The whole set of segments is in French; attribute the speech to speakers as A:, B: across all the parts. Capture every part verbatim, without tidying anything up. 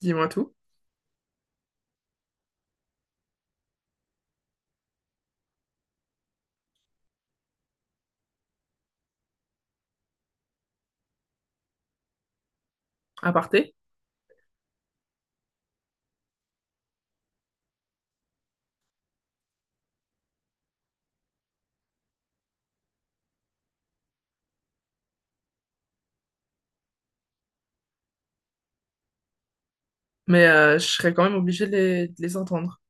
A: Dis-moi tout, à parté. Mais euh, je serais quand même obligée de les, de les entendre.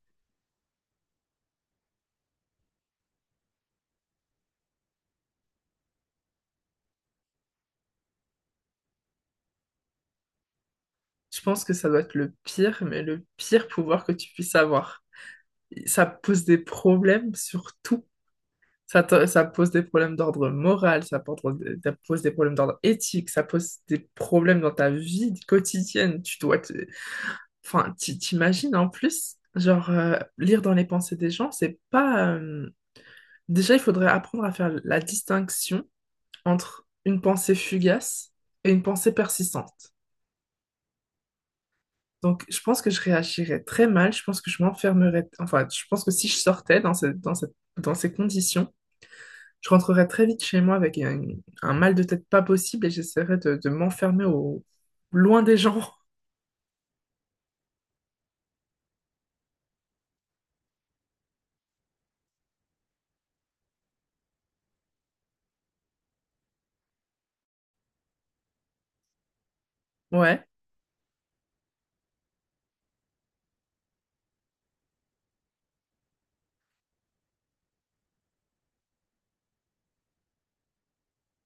A: Je pense que ça doit être le pire, mais le pire pouvoir que tu puisses avoir. Ça pose des problèmes sur tout. Ça, te- ça pose des problèmes d'ordre moral, ça pose des ça pose des problèmes d'ordre éthique, ça pose des problèmes dans ta vie quotidienne. Tu dois te... Enfin, t'i- t'imagines en plus, genre, euh, lire dans les pensées des gens, c'est pas... euh, Déjà, il faudrait apprendre à faire la distinction entre une pensée fugace et une pensée persistante. Donc, je pense que je réagirais très mal. Je pense que je m'enfermerais. Enfin, je pense que si je sortais dans, ce- dans, cette- dans ces conditions, je rentrerais très vite chez moi avec un, un mal de tête pas possible et j'essaierais de, de m'enfermer au loin des gens. Ouais.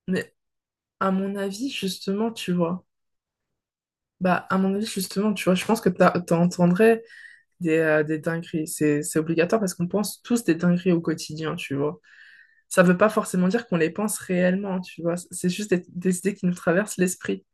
A: Mais à mon avis, justement, tu vois. Bah, à mon avis, justement, tu vois, je pense que t'as- t'entendrais des, euh, des dingueries. C'est, c'est obligatoire parce qu'on pense tous des dingueries au quotidien, tu vois. Ça veut pas forcément dire qu'on les pense réellement, tu vois. C'est juste des, des idées qui nous traversent l'esprit.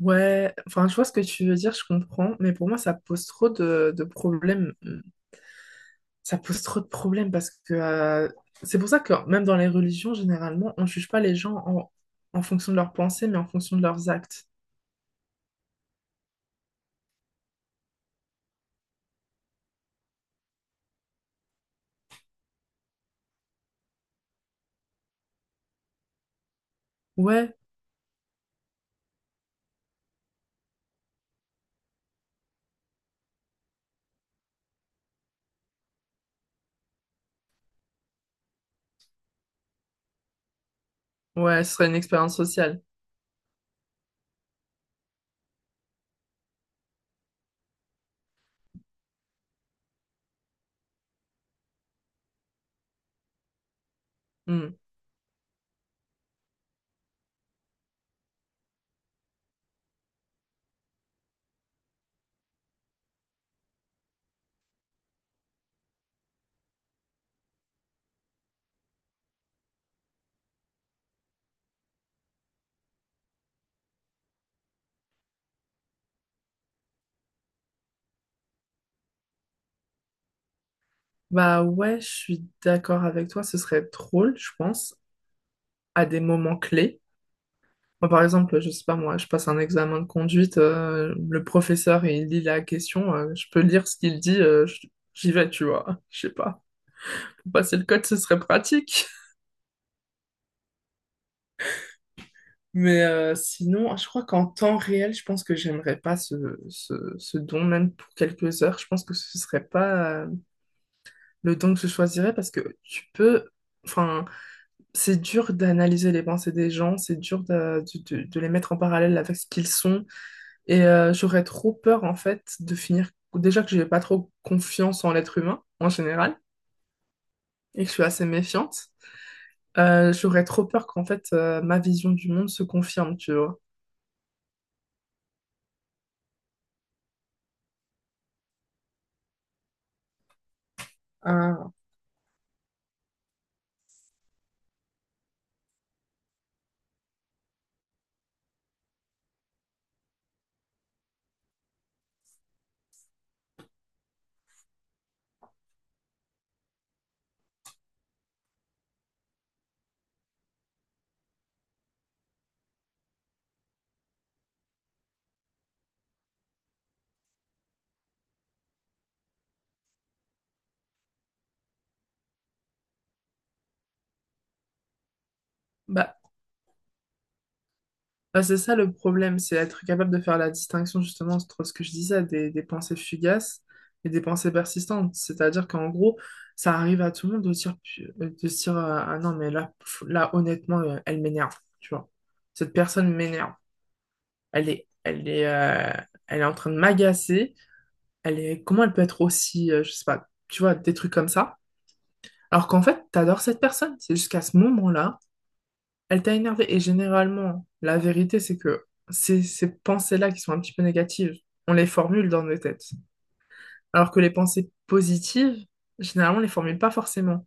A: Ouais, enfin, je vois ce que tu veux dire, je comprends, mais pour moi, ça pose trop de, de problèmes. Ça pose trop de problèmes parce que euh, c'est pour ça que même dans les religions, généralement, on juge pas les gens en, en fonction de leurs pensées, mais en fonction de leurs actes. Ouais, ouais, ce serait une expérience sociale. Hmm. Bah ouais, je suis d'accord avec toi, ce serait drôle, je pense, à des moments clés. Moi, par exemple, je sais pas, moi, je passe un examen de conduite, euh, le professeur, il lit la question, euh, je peux lire ce qu'il dit, euh, je- j'y vais, tu vois, je sais pas. Pour passer le code, ce serait pratique. Mais euh, sinon, je crois qu'en temps réel, je pense que j'aimerais pas ce, ce, ce don, même pour quelques heures. Je pense que ce serait pas euh, le don que je choisirais parce que tu peux, enfin, c'est dur d'analyser les pensées des gens, c'est dur de, de de- de les mettre en parallèle avec ce qu'ils sont. Et euh, j'aurais trop peur, en fait, de finir. Déjà que j'ai pas trop confiance en l'être humain, en général, et que je suis assez méfiante. Euh, j'aurais trop peur qu'en fait, euh, ma vision du monde se confirme, tu vois. Ah. Bah, bah, c'est ça le problème, c'est être capable de faire la distinction, justement, entre ce que je disais, des, des pensées fugaces et des pensées persistantes. C'est-à-dire qu'en gros, ça arrive à tout le monde de dire, pu- euh, de se dire, euh, ah non, mais là, pff, là, honnêtement, euh, elle m'énerve, tu vois. Cette personne m'énerve. Elle est, elle est, euh, Elle est en train de m'agacer. Elle est, comment elle peut être aussi, euh, je sais pas, tu vois, des trucs comme ça. Alors qu'en fait, t'adores cette personne. C'est jusqu'à ce moment-là, elle t'a énervé. Et généralement, la vérité, c'est que c'est ces pensées-là qui sont un petit peu négatives, on les formule dans nos têtes. Alors que les pensées positives, généralement, on les formule pas forcément.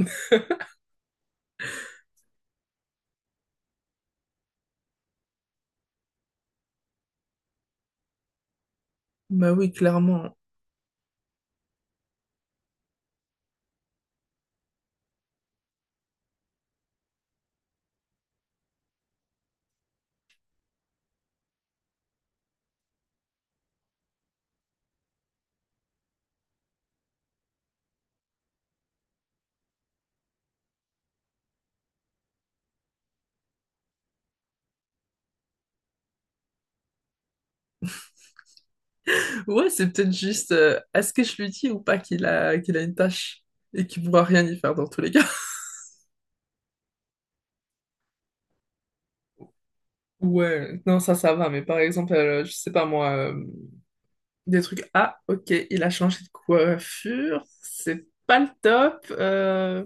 A: Bah oui, clairement. Ouais, c'est peut-être juste, euh, est-ce que je lui dis ou pas qu'il a, qu'il a une tâche et qu'il pourra rien y faire dans tous les cas. Ouais, non, ça, ça va, mais par exemple, euh, je sais pas moi, euh, des trucs, ah, ok, il a changé de coiffure, c'est pas le top, euh,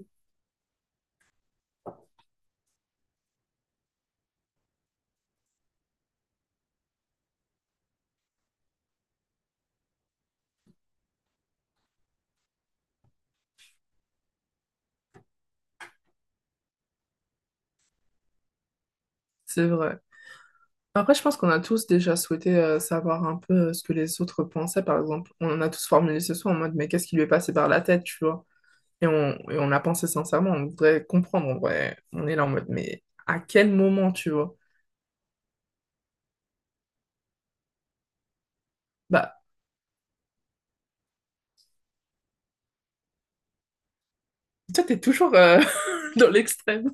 A: c'est vrai. Après, je pense qu'on a tous déjà souhaité euh, savoir un peu euh, ce que les autres pensaient, par exemple. On en a tous formulé ce soir en mode, mais qu'est-ce qui lui est passé par la tête, tu vois? Et on, et on l'a pensé sincèrement, on voudrait comprendre, on, voudrait- on est là en mode, mais à quel moment, tu vois? Bah, toi, t'es toujours euh, dans l'extrême.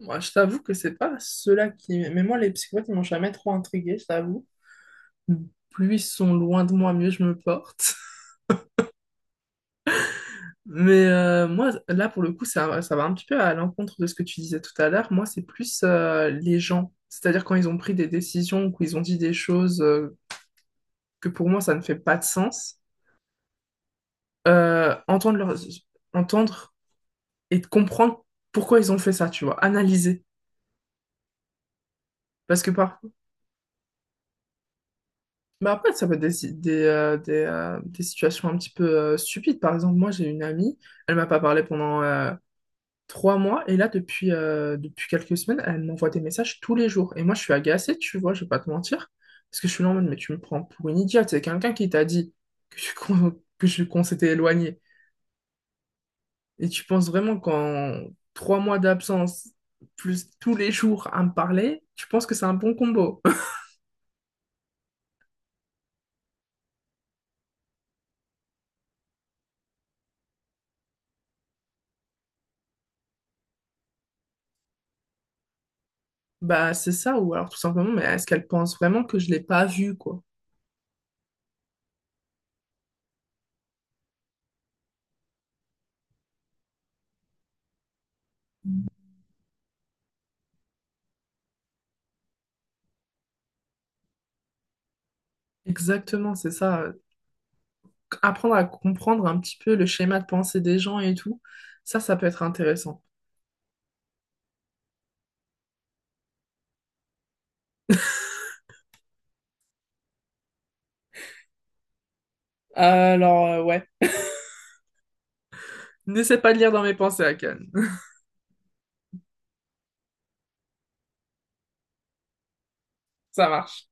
A: Moi, je t'avoue que c'est pas ceux-là qui... Mais moi, les psychopathes, ils m'ont jamais trop intriguée, je t'avoue. Plus ils sont loin de moi, mieux je me porte. Mais euh, moi, là, pour le coup, ça, ça va un petit peu à l'encontre de ce que tu disais tout à l'heure. Moi, c'est plus euh, les gens. C'est-à-dire quand ils ont pris des décisions ou qu'ils ont dit des choses euh, que pour moi, ça ne fait pas de sens. Euh, entendre, leur... entendre et comprendre pourquoi ils ont fait ça, tu vois. Analyser. Parce que parfois, mais après, ça peut être des, si, des, euh, des, euh, des situations un petit peu euh, stupides. Par exemple, moi, j'ai une amie, elle m'a pas parlé pendant euh, trois mois, et là, depuis, euh, depuis quelques semaines, elle m'envoie des messages tous les jours. Et moi, je suis agacée, tu vois, je vais pas te mentir, parce que je suis là en mode, mais tu me prends pour une idiote. C'est quelqu'un qui t'a dit que je, qu'on que je- qu'on s'était éloigné. Et tu penses vraiment qu'en trois mois d'absence, plus tous les jours à me parler, tu penses que c'est un bon combo? Bah, c'est ça, ou alors tout simplement, mais est-ce qu'elle pense vraiment que je l'ai pas vue, quoi? Exactement, c'est ça. Apprendre à comprendre un petit peu le schéma de pensée des gens et tout, ça, ça peut être intéressant. Alors, euh, ouais. N'essaie pas de lire dans mes pensées, Akan. Ça marche.